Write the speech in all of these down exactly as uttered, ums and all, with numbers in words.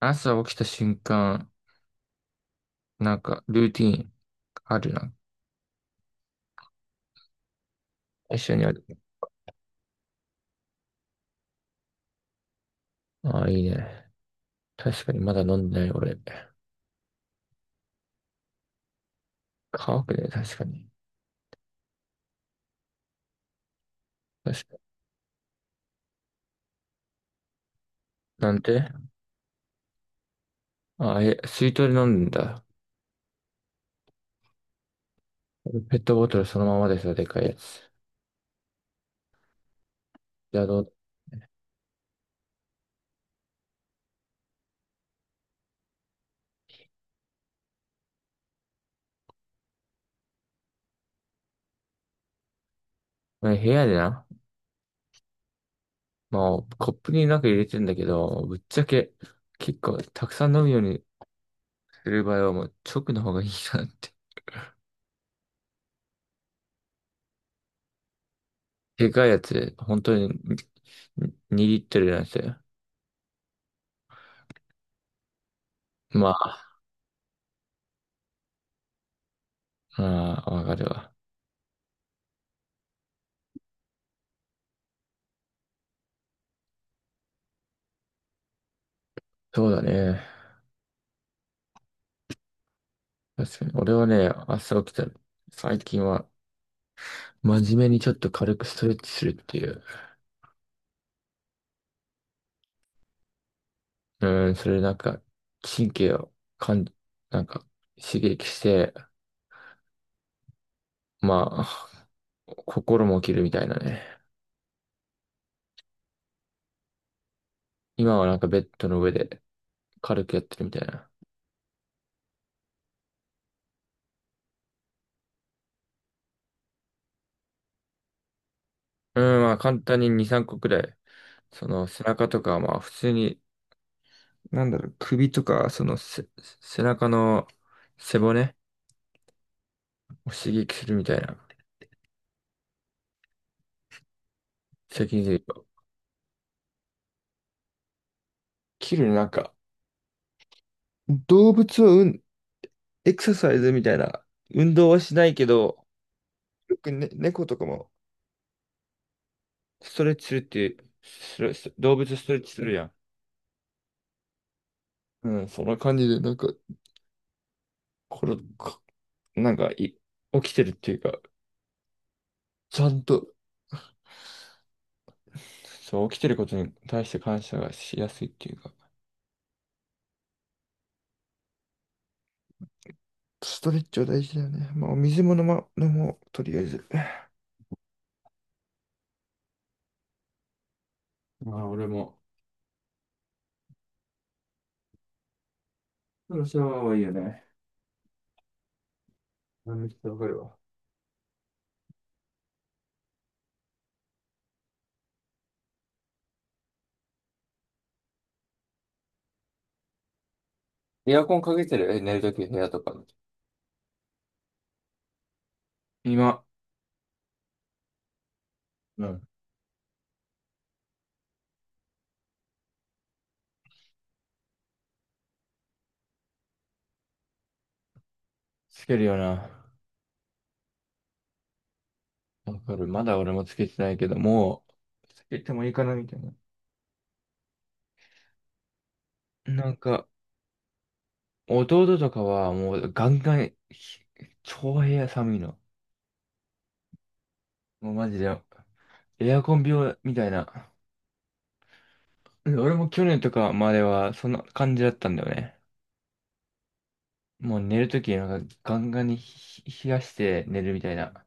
朝起きた瞬間、なんか、ルーティーンあるな。一緒にある。ああ、いいね。確かに、まだ飲んでない、俺。乾くね、確かに。確かに。なんて、ああ、え、水筒で飲んだんだ。ペットボトルそのままでさ、でかいやつ。じゃあ、どう、ね、部屋でな。まあ、コップになんか入れてんだけど、ぶっちゃけ、結構、たくさん飲むようにする場合は、もう、直の方がいいなって。でかいやつ、本当に、にリットルなんですよ。まあ、ああ、わかるわ。そうだね。確かに。俺はね、朝起きたら、最近は、真面目にちょっと軽くストレッチするっていう。うん、それなんか、神経をかん、なんか、刺激して、まあ、心も起きるみたいなね。今はなんかベッドの上で軽くやってるみたいな。うん、まあ簡単にに、さんこくらい。その背中とか、まあ普通に、なんだろう、首とか、そのせ、背中の背骨を刺激するみたいな。責任で切る、なんか、動物を、うん、エクササイズみたいな、運動はしないけど、よく、ね、猫とかもストレッチするっていう、ストレス動物ストレッチするやん。うん、そんな感じで、なんか、これ、か、なんかい、起きてるっていうか、ちゃんと、そう、起きてることに対して感謝がしやすいっていうか、ストレッチは大事だよね。まあ、お水も飲ま、飲もう、とりあえず。まあ、俺も、そのシャワーはいいよね。うん、めっちゃわかるわ。エアコンかけてる、え、寝るとき部屋とかの。今、うん、つけるよな。わかる。まだ俺もつけてないけど、もう、つけてもいいかなみたいな。なんか、弟とかはもうガンガン、ひ、超部屋寒いの。もうマジで、エアコン病みたいな。で、俺も去年とかまではそんな感じだったんだよね。もう寝るときなんかガンガンにひ、冷やして寝るみたいな。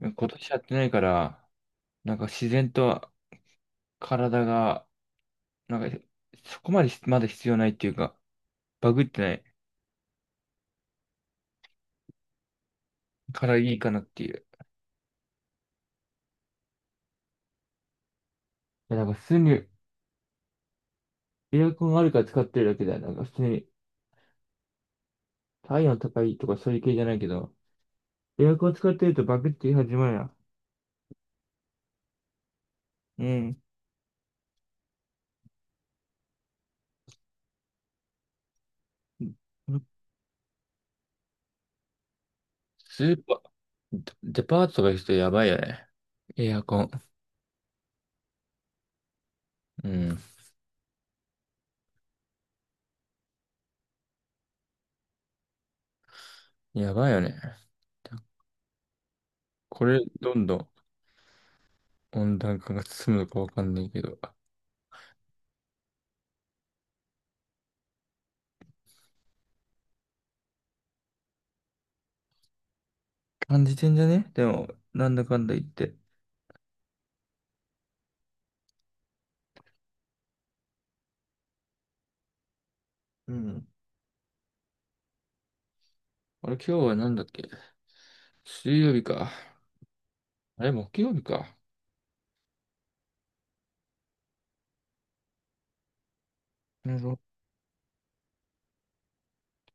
今年やってないから、なんか自然と体が、なんか、そこまでしまだ必要ないっていうか、バグってない。からいいかなっていう。いや、なんか普通にエアコンあるから使ってるだけだよ。なんか普通に体温高いとかそういう系じゃないけど、エアコン使ってるとバグって始まるやん。うん。スーパー、デパートとか行くとやばいよね。エアコン。うん。やばいよね。これ、どんどん温暖化が進むのかわかんないけど。感じてんじゃね、でも、なんだかんだ言って。うん。あれ、今日はなんだっけ、水曜日か。あれ、木曜日か。なるほど。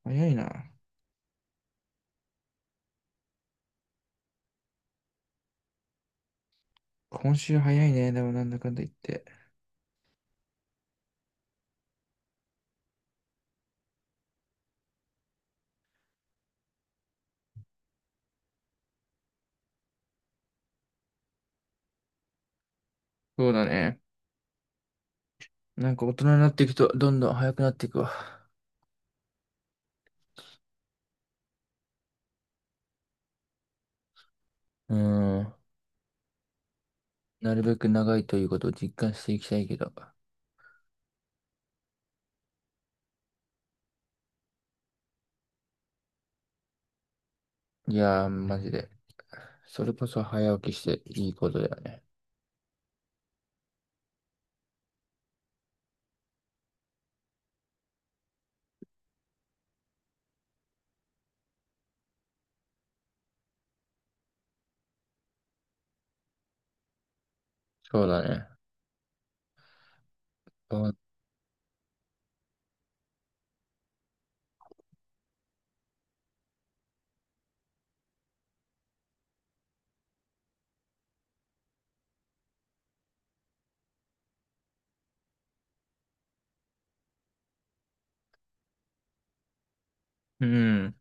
早いな。今週早いね。でもなんだかんだ言って。そうだね。なんか大人になっていくとどんどん早くなっていくわ。うーん。なるべく長いということを実感していきたいけど。いやー、マジで。それこそ早起きしていいことだよね。そうだね。そう、うん。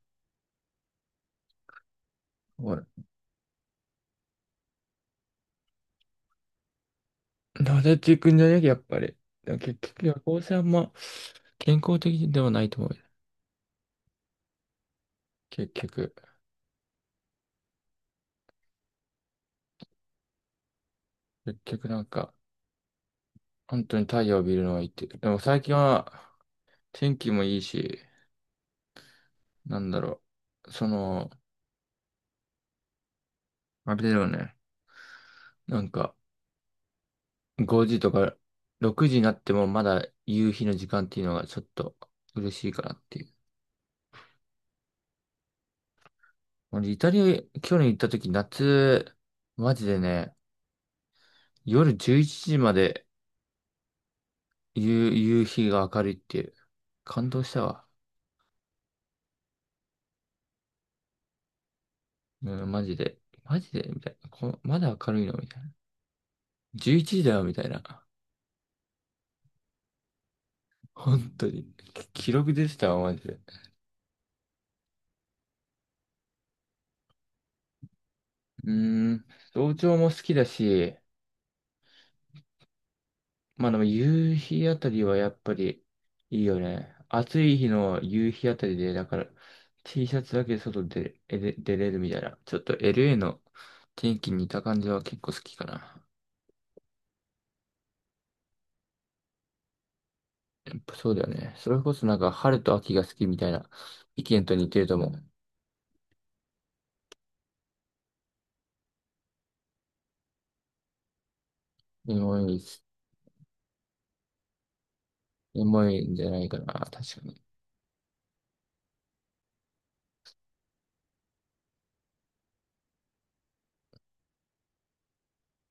ほら。なでていくんじゃね、やっぱり。でも結局、夜行性あんま健康的ではないと思うよ。結局。結局なんか、本当に太陽を見るのはいいって。でも最近は天気もいいし、なんだろう。その、あれだよね。なんか、ごじとかろくじになってもまだ夕日の時間っていうのがちょっと嬉しいかなっていう。俺、イタリア、去年行った時、夏、マジでね、夜じゅういちじまで夕、夕日が明るいっていう。感動したわ。うん、マジで。マジでみたいな。こ、まだ明るいのみたいな。じゅういちじだよみたいな。本当に。き、記録出てたわ、マジで。うーん。早朝も好きだし、まあでも夕日あたりはやっぱりいいよね。暑い日の夕日あたりで、だから T シャツだけで外でえで出れるみたいな。ちょっと エルエー の天気に似た感じは結構好きかな。やっぱそうだよね。それこそなんか春と秋が好きみたいな意見と似てると思う。エモいです、エモいんじゃないかな。確かに。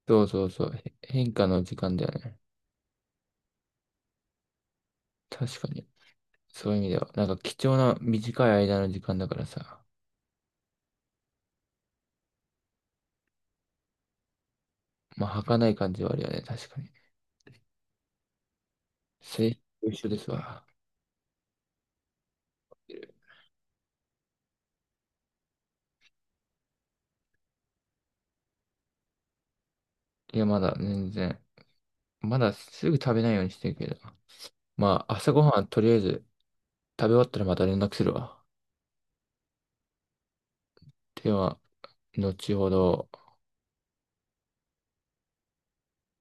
そうそうそう。へ、変化の時間だよね。確かに。そういう意味では。なんか貴重な短い間の時間だからさ。まあ儚い感じはあるよね。確かに。制と一緒ですわ。いや、まだ全然。まだすぐ食べないようにしてるけど。まあ、朝ごはんとりあえず食べ終わったらまた連絡するわ。では、後ほど。